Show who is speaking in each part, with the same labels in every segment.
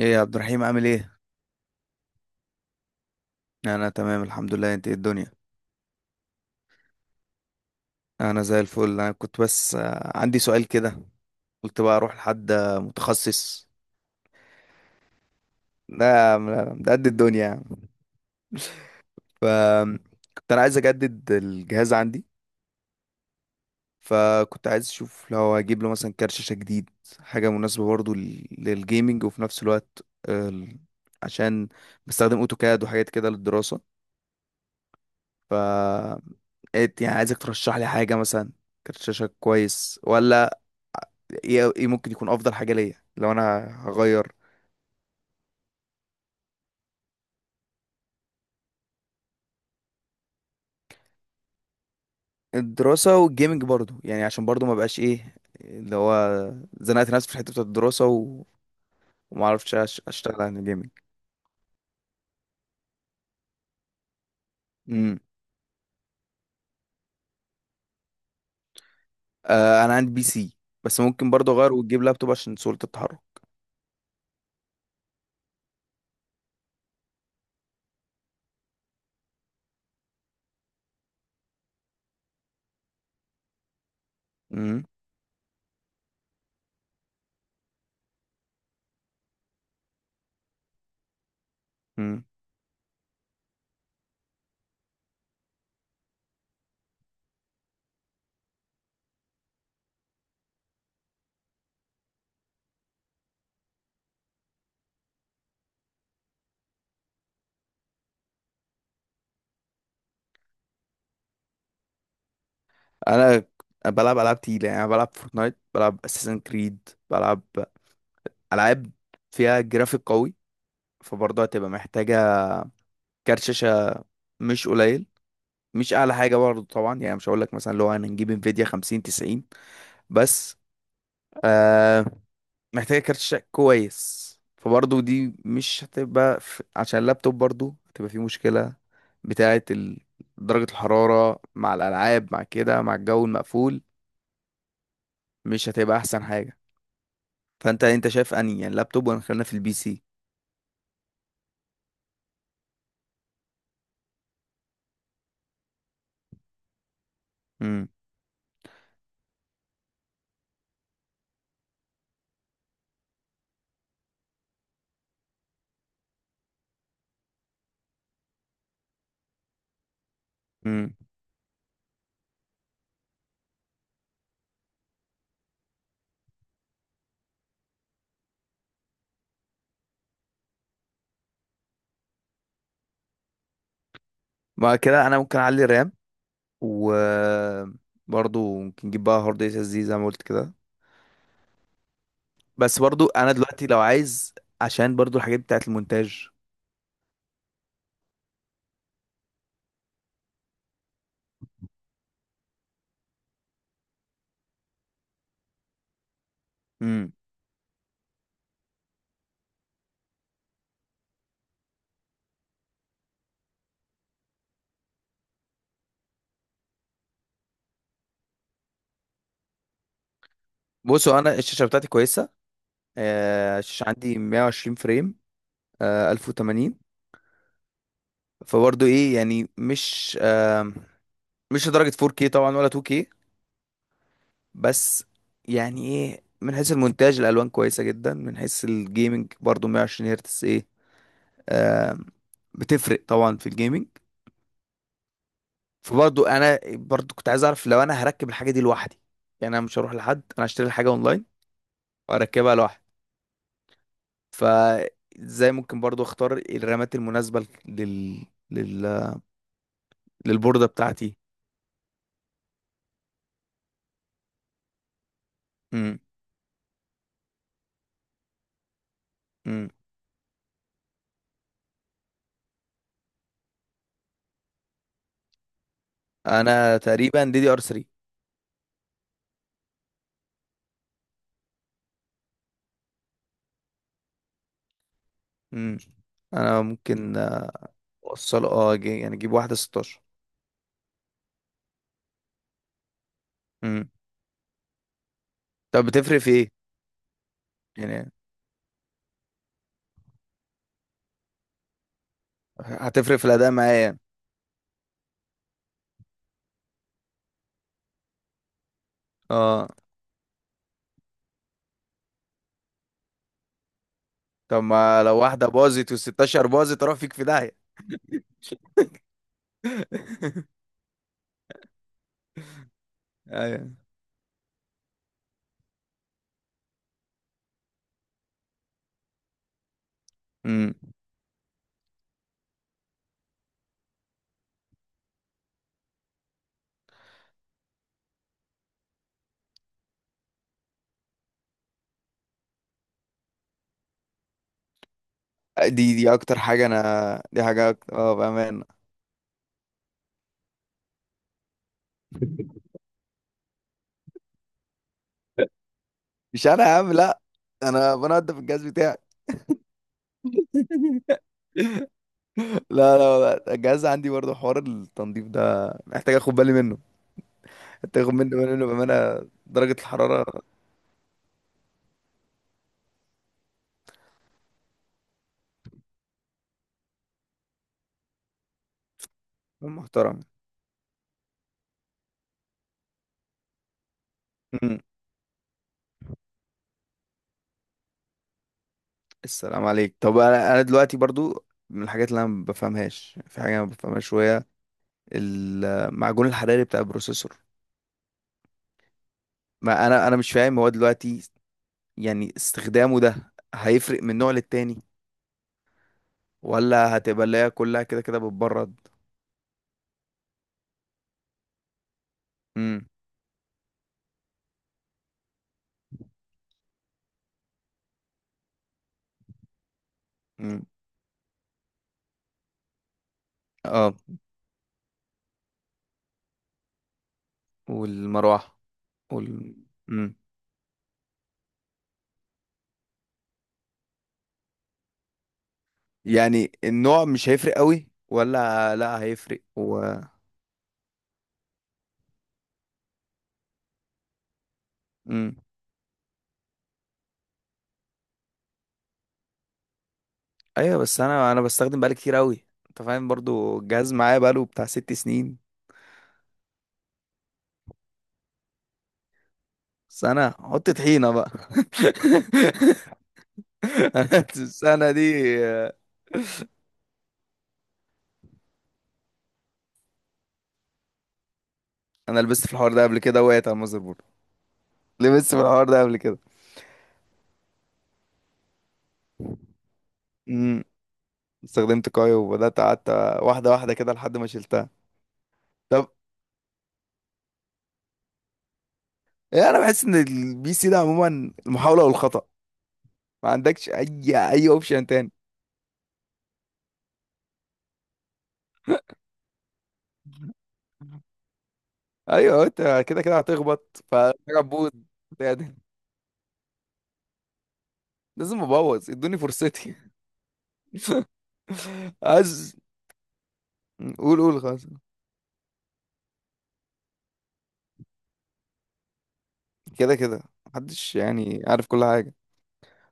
Speaker 1: ايه يا عبد الرحيم، عامل ايه؟ انا تمام، الحمد لله. انت إيه الدنيا؟ انا زي الفل. انا كنت بس عندي سؤال كده. قلت بقى اروح لحد متخصص. لا يا عم، لا، ده قد الدنيا يعني. ف كنت انا عايز اجدد الجهاز عندي. فكنت عايز اشوف لو اجيب له مثلا كارت شاشه جديد، حاجه مناسبه برضو للجيمنج، وفي نفس الوقت ال- عشان بستخدم اوتوكاد وحاجات كده للدراسه. ف إيه يعني، عايزك ترشح لي حاجه، مثلا كارت شاشه كويس ولا ايه؟ ايه ممكن يكون افضل حاجه ليا لو انا هغير؟ الدراسه والجيمنج برضو يعني، عشان برضو ما بقاش ايه اللي هو، زنقت نفسي في الحته بتاعت الدراسه و... وما عرفتش اشتغل عن الجيمنج. امم آه، انا عندي بي سي، بس ممكن برضو اغير واجيب لابتوب عشان سهوله التحرك. امم امم انا بلعب العاب تقيله، يعني أنا بلعب فورتنايت، بلعب اساسن كريد، بلعب العاب فيها جرافيك قوي. فبرضه هتبقى محتاجه كارت شاشه مش قليل، مش اعلى حاجه برضه طبعا، يعني مش هقول لك مثلا لو انا نجيب انفيديا 50 90، بس آه محتاجه كارت شاشة كويس. فبرضه دي مش هتبقى في... عشان اللابتوب برضه هتبقى فيه مشكله بتاعه ال... درجه الحراره مع الالعاب، مع كده، مع الجو المقفول. مش هتبقى احسن حاجه. فانت شايف اني يعني اللابتوب، ولا خلينا في البي سي؟ امم امم بعد كده انا ممكن اعلي رام، و برضه ممكن نجيب بقى هارد اس اس دي زي ما قلت كده. بس برضو انا دلوقتي لو عايز، عشان برضو الحاجات بتاعت المونتاج. امم بصوا، انا الشاشه بتاعتي كويسه. الشاشه عندي 120 فريم، 1080. فبرضو ايه يعني، مش لدرجه 4K طبعا، ولا 2K. بس يعني ايه، من حيث المونتاج الالوان كويسه جدا، من حيث الجيمنج برضو 120 هرتز ايه. آه، بتفرق طبعا في الجيمنج. فبرضو انا كنت عايز اعرف لو انا هركب الحاجه دي لوحدي. يعني انا مش هروح لحد، انا هشتري الحاجه اونلاين واركبها لوحدي. فازاي ممكن برضو اختار الرمات المناسبة لل... للبوردة بتاعتي؟ امم امم انا تقريبا دي دي ار 3. امم انا ممكن اوصله اه، يعني اجيب واحدة 16. امم طب بتفرق في ايه يعني، هتفرق في الاداء معايا يعني؟ اه. طب ما لو واحدة باظت و16 باظت اروح فيك في داهية. ايوه. امم دي اكتر حاجة، انا دي حاجة اه بأمانة. مش انا يا عم لا، انا بنضف الجهاز. لا لا لا، الجهاز عندي برضه حوار التنظيف ده محتاج اخد بالي منه، محتاج اخد منه بامانه. درجه الحراره محترمه. مم. السلام عليك. طب انا دلوقتي برضو، من الحاجات اللي انا ما بفهمهاش، في حاجه ما بفهمهاش شويه: المعجون الحراري بتاع البروسيسور. ما انا مش فاهم، هو دلوقتي يعني استخدامه ده هيفرق من نوع للتاني، ولا هتبقى اللي هي كلها كده كده بتبرد؟ امم امم اه، والمروحه وال مم. يعني النوع مش هيفرق قوي ولا لا هيفرق، و... مم. ايوه، بس انا بستخدم بقالي كتير قوي، انت فاهم برضو، الجهاز معايا بقاله بتاع 6 سنين. بس انا حط طحينه بقى. أنا السنه دي، انا لبست في الحوار ده قبل كده، وقعت على المذر بورد. لبست في الحوار ده قبل كده. امم استخدمت كايو وبدات، قعدت واحده واحده كده لحد ما شلتها. طب إيه، انا بحس ان البي سي ده عموما المحاوله والخطا، ما عندكش اي اوبشن تاني؟ ايوه، انت كده كده هتخبط، فجرب بود، يعني لازم ابوظ ادوني فرصتي. عايز، قول قول خلاص. كده كده محدش يعني عارف كل حاجه.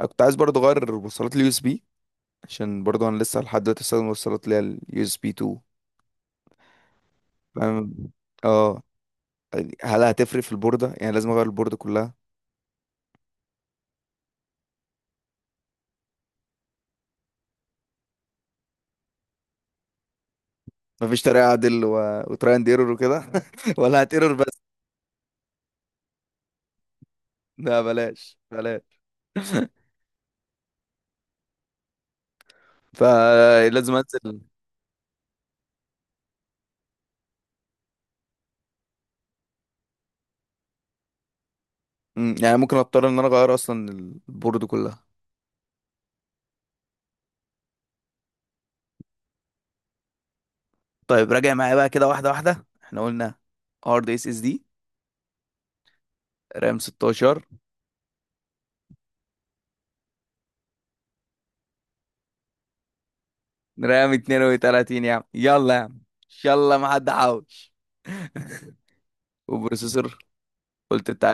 Speaker 1: انا كنت عايز برضه اغير وصلات اليو اس بي، عشان برضه انا لسه لحد دلوقتي بستخدم وصلات اللي هي اليو اس بي 2. فاهم اه. هل هتفرق في البورده، يعني لازم اغير البورده كلها؟ مفيش طريقه اعدل و... وتراي اند ايرور وكده ولا هتيرور بس؟ لا بلاش بلاش. فلازم انزل. مم، يعني ممكن اضطر ان انا اغير اصلا البورد كلها؟ طيب راجع معايا بقى كده واحده واحده، احنا قلنا: هارد اس اس دي، رام 16، رام 32 يا عم، يلا يا عم، يلا ما حد حوش. وبروسيسور. قلت بتاع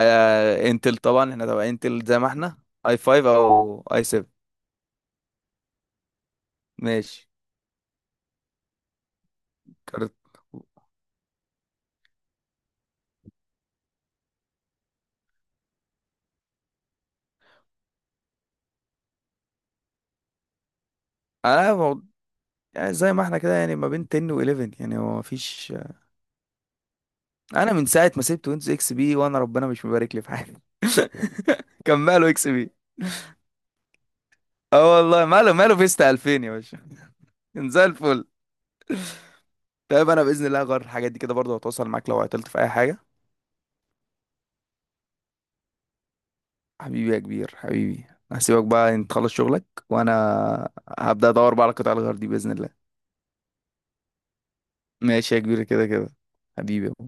Speaker 1: انتل طبعا، احنا تبع انتل زي ما احنا. اي 5 او اي 7، ماشي. كارت، انا يعني زي ما احنا كده، يعني ما بين 10 و11 يعني، هو مفيش. انا من ساعه ما سبت ويندوز اكس بي وانا ربنا مش مبارك لي في حاجه. كملوا اكس بي. اه، والله ماله ماله، فيستا 2000 يا باشا، كان زي الفل. طيب انا باذن الله هغير الحاجات دي كده، برضه هتواصل معاك لو عطلت في اي حاجه. حبيبي يا كبير، حبيبي. هسيبك بقى انت تخلص شغلك، وانا هبدا ادور بقى على قطع الغيار دي باذن الله. ماشي يا كبير، كده كده. حبيبي.